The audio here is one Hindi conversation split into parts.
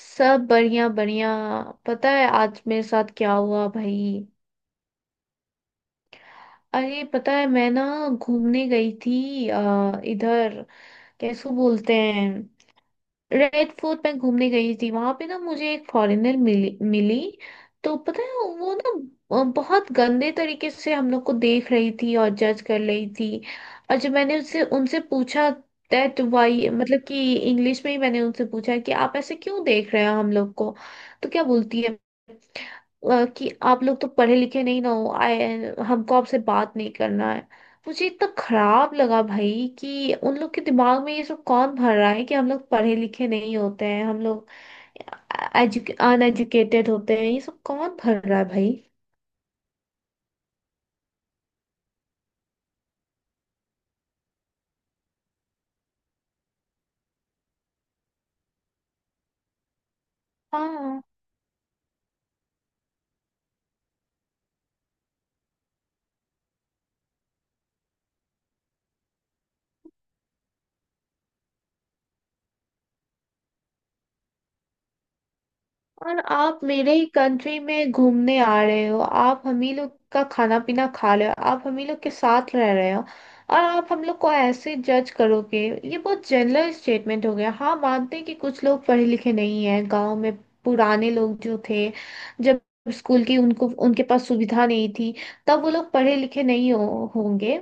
सब बढ़िया बढ़िया। पता है आज मेरे साथ क्या हुआ भाई? अरे पता है मैं ना घूमने गई थी इधर कैसे बोलते हैं, रेड फोर्ट में घूमने गई थी। वहां पे ना मुझे एक फॉरेनर मिली मिली। तो पता है वो ना बहुत गंदे तरीके से हम लोग को देख रही थी और जज कर रही थी। और जब मैंने उससे उनसे पूछा दैट वाई, मतलब कि इंग्लिश में ही मैंने उनसे पूछा कि आप ऐसे क्यों देख रहे हैं हम लोग को। तो क्या बोलती है, कि आप लोग तो पढ़े लिखे नहीं ना हो आए, हमको आपसे बात नहीं करना है। मुझे इतना खराब लगा भाई, कि उन लोग के दिमाग में ये सब कौन भर रहा है कि हम लोग पढ़े लिखे नहीं होते हैं, हम लोग अनएजुकेटेड होते हैं, ये सब कौन भर रहा है भाई। हाँ। और आप मेरे ही कंट्री में घूमने आ रहे हो, आप हम ही लोग का खाना पीना खा रहे हो, आप हम ही लोग के साथ रह रहे हो, और आप हम लोग को ऐसे जज करोगे। ये बहुत जनरल स्टेटमेंट हो गया। हाँ, मानते हैं कि कुछ लोग पढ़े लिखे नहीं हैं गांव में, पुराने लोग जो थे, जब स्कूल की उनको उनके पास सुविधा नहीं थी, तब वो लोग पढ़े लिखे नहीं होंगे।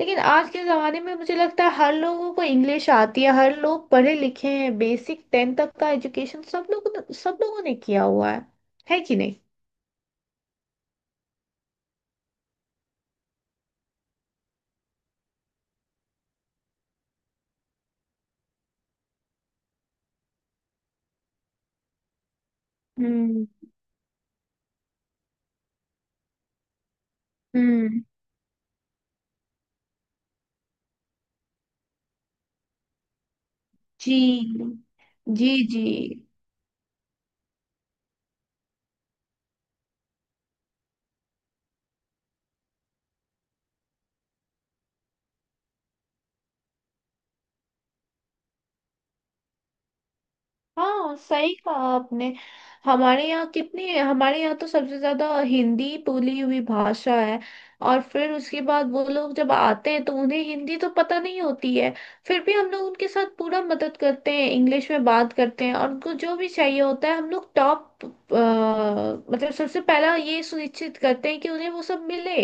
लेकिन आज के ज़माने में मुझे लगता है हर लोगों को इंग्लिश आती है, हर लोग पढ़े लिखे हैं, बेसिक 10th तक का एजुकेशन सब लोगों ने किया हुआ है। है कि नहीं? हम्म। हम्म। जी। जी। जी। हाँ, सही कहा आपने। हमारे यहाँ तो सबसे ज्यादा हिंदी बोली हुई भाषा है। और फिर उसके बाद वो लोग जब आते हैं तो उन्हें हिंदी तो पता नहीं होती है। फिर भी हम लोग उनके साथ पूरा मदद करते हैं, इंग्लिश में बात करते हैं, और उनको जो भी चाहिए होता है हम लोग टॉप, मतलब सबसे पहला ये सुनिश्चित करते हैं कि उन्हें वो सब मिले।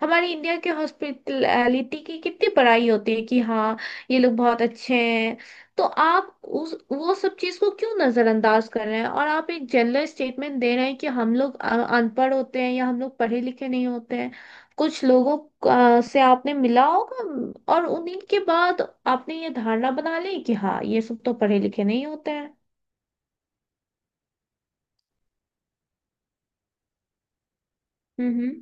हमारे इंडिया के हॉस्पिटलिटी की कितनी बड़ाई होती है, कि हाँ ये लोग बहुत अच्छे हैं। तो आप उस वो सब चीज को क्यों नजरअंदाज कर रहे हैं, और आप एक जनरल स्टेटमेंट दे रहे हैं कि हम लोग अनपढ़ होते हैं या हम लोग पढ़े लिखे नहीं होते हैं। कुछ लोगों से आपने मिला होगा और उन्हीं के बाद आपने ये धारणा बना ली कि हाँ ये सब तो पढ़े लिखे नहीं होते हैं। हम्म।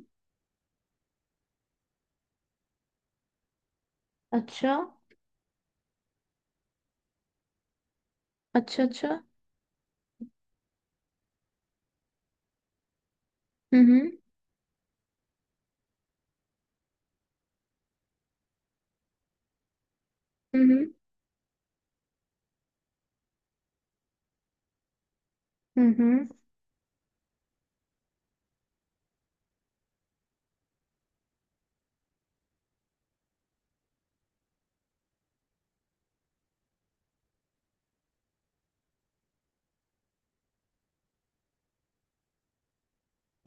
अच्छा, अच्छा, अच्छा। हम्म। हम्म। हम्म। हम्म।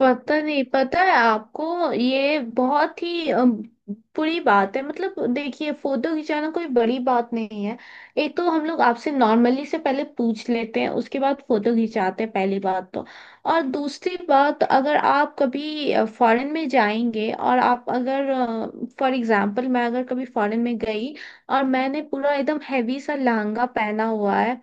पता नहीं। पता है आपको, ये बहुत ही बुरी बात है। मतलब देखिए, फोटो खिंचाना कोई बड़ी बात नहीं है। एक तो हम लोग आपसे नॉर्मली से पहले पूछ लेते हैं, उसके बाद फोटो खिंचाते हैं, पहली बात तो। और दूसरी बात, अगर आप कभी फॉरेन में जाएंगे और आप अगर, फॉर एग्जांपल मैं अगर कभी फॉरेन में गई, और मैंने पूरा एकदम हैवी सा लहंगा पहना हुआ है,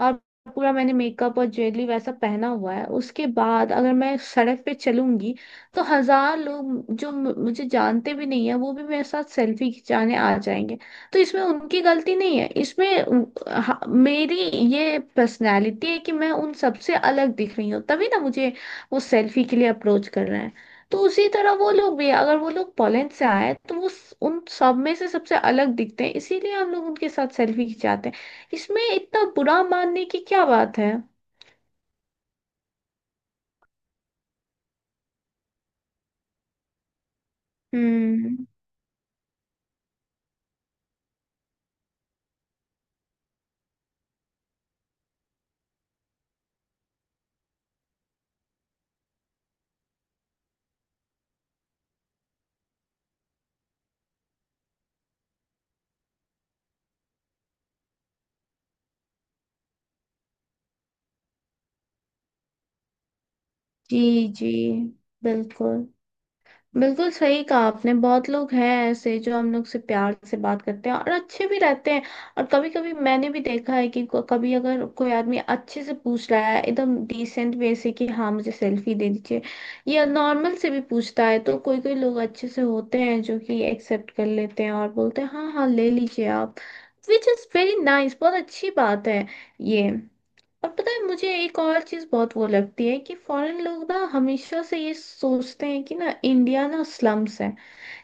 और पूरा मैंने मेकअप और ज्वेलरी वैसा पहना हुआ है, उसके बाद अगर मैं सड़क पे चलूंगी, तो हजार लोग जो मुझे जानते भी नहीं है, वो भी मेरे साथ सेल्फी खिंचाने आ जाएंगे। तो इसमें उनकी गलती नहीं है, इसमें मेरी ये पर्सनैलिटी है कि मैं उन सबसे अलग दिख रही हूँ, तभी ना मुझे वो सेल्फी के लिए अप्रोच कर रहे हैं। तो उसी तरह वो लोग भी, अगर वो लोग पोलैंड से आए, तो वो उन सब में से सबसे अलग दिखते हैं, इसीलिए हम लोग उनके साथ सेल्फी खिंचाते हैं। इसमें इतना बुरा मानने की क्या बात है? हम्म। जी, जी, बिल्कुल। बिल्कुल सही कहा आपने, बहुत लोग हैं ऐसे जो हम लोग से प्यार से बात करते हैं और अच्छे भी रहते हैं। और कभी कभी मैंने भी देखा है कि कभी अगर कोई आदमी अच्छे से पूछ रहा है, एकदम डिसेंट वे से कि हाँ मुझे सेल्फी दे दीजिए, या नॉर्मल से भी पूछता है, तो कोई कोई लोग अच्छे से होते हैं जो कि एक्सेप्ट कर लेते हैं और बोलते हैं हाँ हाँ ले लीजिए आप। विच इज़ वेरी नाइस, बहुत अच्छी बात है ये। और पता है मुझे एक और चीज बहुत वो लगती है, कि फॉरेन लोग ना हमेशा से ये सोचते हैं कि ना, इंडिया ना स्लम्स है,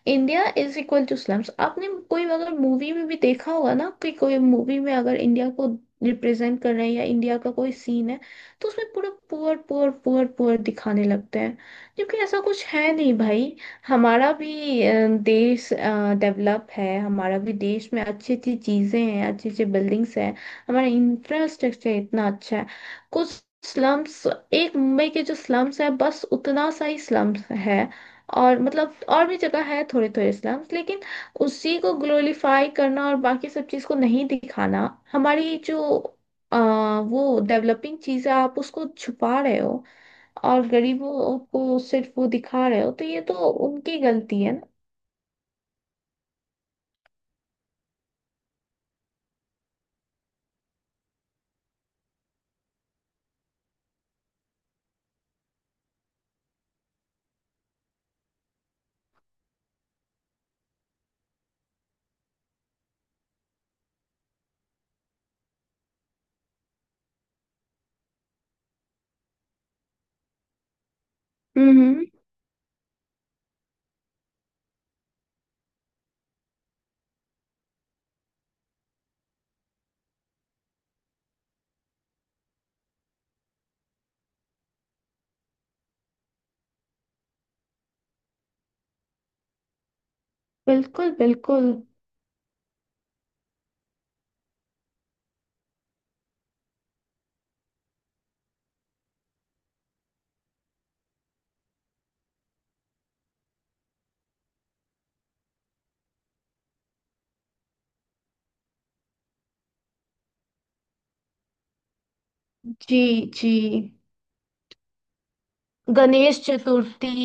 India is equal to slums. आपने कोई अगर मूवी में भी देखा होगा ना, कि कोई मूवी में अगर इंडिया को रिप्रेजेंट कर रहे हैं या इंडिया का कोई सीन है, तो उसमें पूरा पुअर पुअर पुअर पुअर दिखाने लगते हैं। जबकि ऐसा कुछ है नहीं भाई। हमारा भी देश डेवलप है, हमारा भी देश में अच्छी अच्छी चीजें हैं, अच्छी अच्छी बिल्डिंग्स हैं, हमारा इंफ्रास्ट्रक्चर इतना अच्छा है। कुछ स्लम्स, एक मुंबई के जो स्लम्स है बस उतना सा ही स्लम्स है, और मतलब और भी जगह है थोड़े थोड़े इस्लाम्स, लेकिन उसी को ग्लोरीफाई करना और बाकी सब चीज़ को नहीं दिखाना, हमारी जो वो डेवलपिंग चीज़ है आप उसको छुपा रहे हो, और गरीबों को सिर्फ वो दिखा रहे हो, तो ये तो उनकी गलती है ना। हम्म। बिल्कुल, बिल्कुल। जी, जी। गणेश चतुर्थी।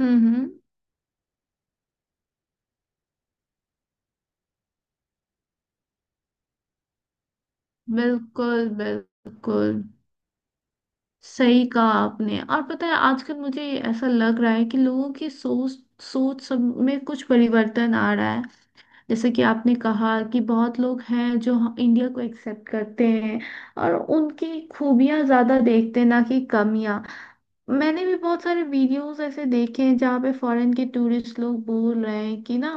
हम्म। बिल्कुल, बिल्कुल सही कहा आपने। और पता है आजकल मुझे ऐसा लग रहा है कि लोगों की सोच सोच सब में कुछ परिवर्तन आ रहा है। जैसे कि आपने कहा कि बहुत लोग हैं जो इंडिया को एक्सेप्ट करते हैं और उनकी खूबियां ज्यादा देखते हैं, ना कि कमियां। मैंने भी बहुत सारे वीडियोस ऐसे देखे हैं जहाँ पे फॉरेन के टूरिस्ट लोग बोल रहे हैं कि ना,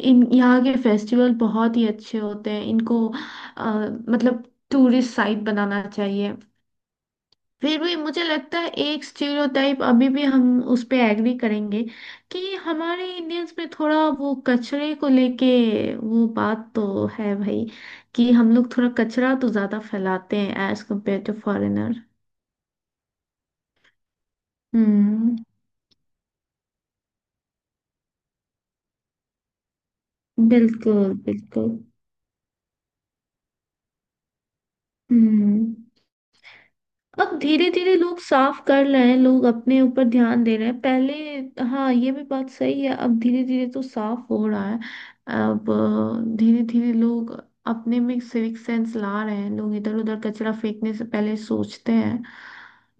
इन यहाँ के फेस्टिवल बहुत ही अच्छे होते हैं, इनको अ, मतलब टूरिस्ट साइट बनाना चाहिए। फिर भी मुझे लगता है एक स्टीरियोटाइप अभी भी हम उस पे एग्री करेंगे, कि हमारे इंडियंस में थोड़ा वो कचरे को लेके वो बात तो है भाई, कि हम लोग थोड़ा कचरा तो ज्यादा फैलाते हैं एज कम्पेयर टू फॉरेनर। हम्म। बिल्कुल, बिल्कुल। हम्म। अब धीरे धीरे लोग साफ कर रहे हैं, लोग अपने ऊपर ध्यान दे रहे हैं पहले। हाँ ये भी बात सही है, अब धीरे धीरे तो साफ हो रहा है। अब धीरे धीरे लोग अपने में सिविक सेंस ला रहे हैं, लोग इधर उधर कचरा फेंकने से पहले सोचते हैं।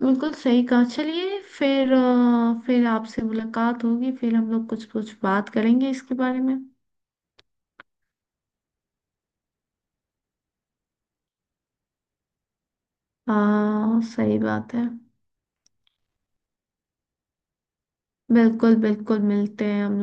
बिल्कुल सही कहा। चलिए फिर फिर आपसे मुलाकात होगी, फिर हम लोग कुछ कुछ बात करेंगे इसके बारे में। हाँ सही बात है। बिल्कुल बिल्कुल, मिलते हैं हम।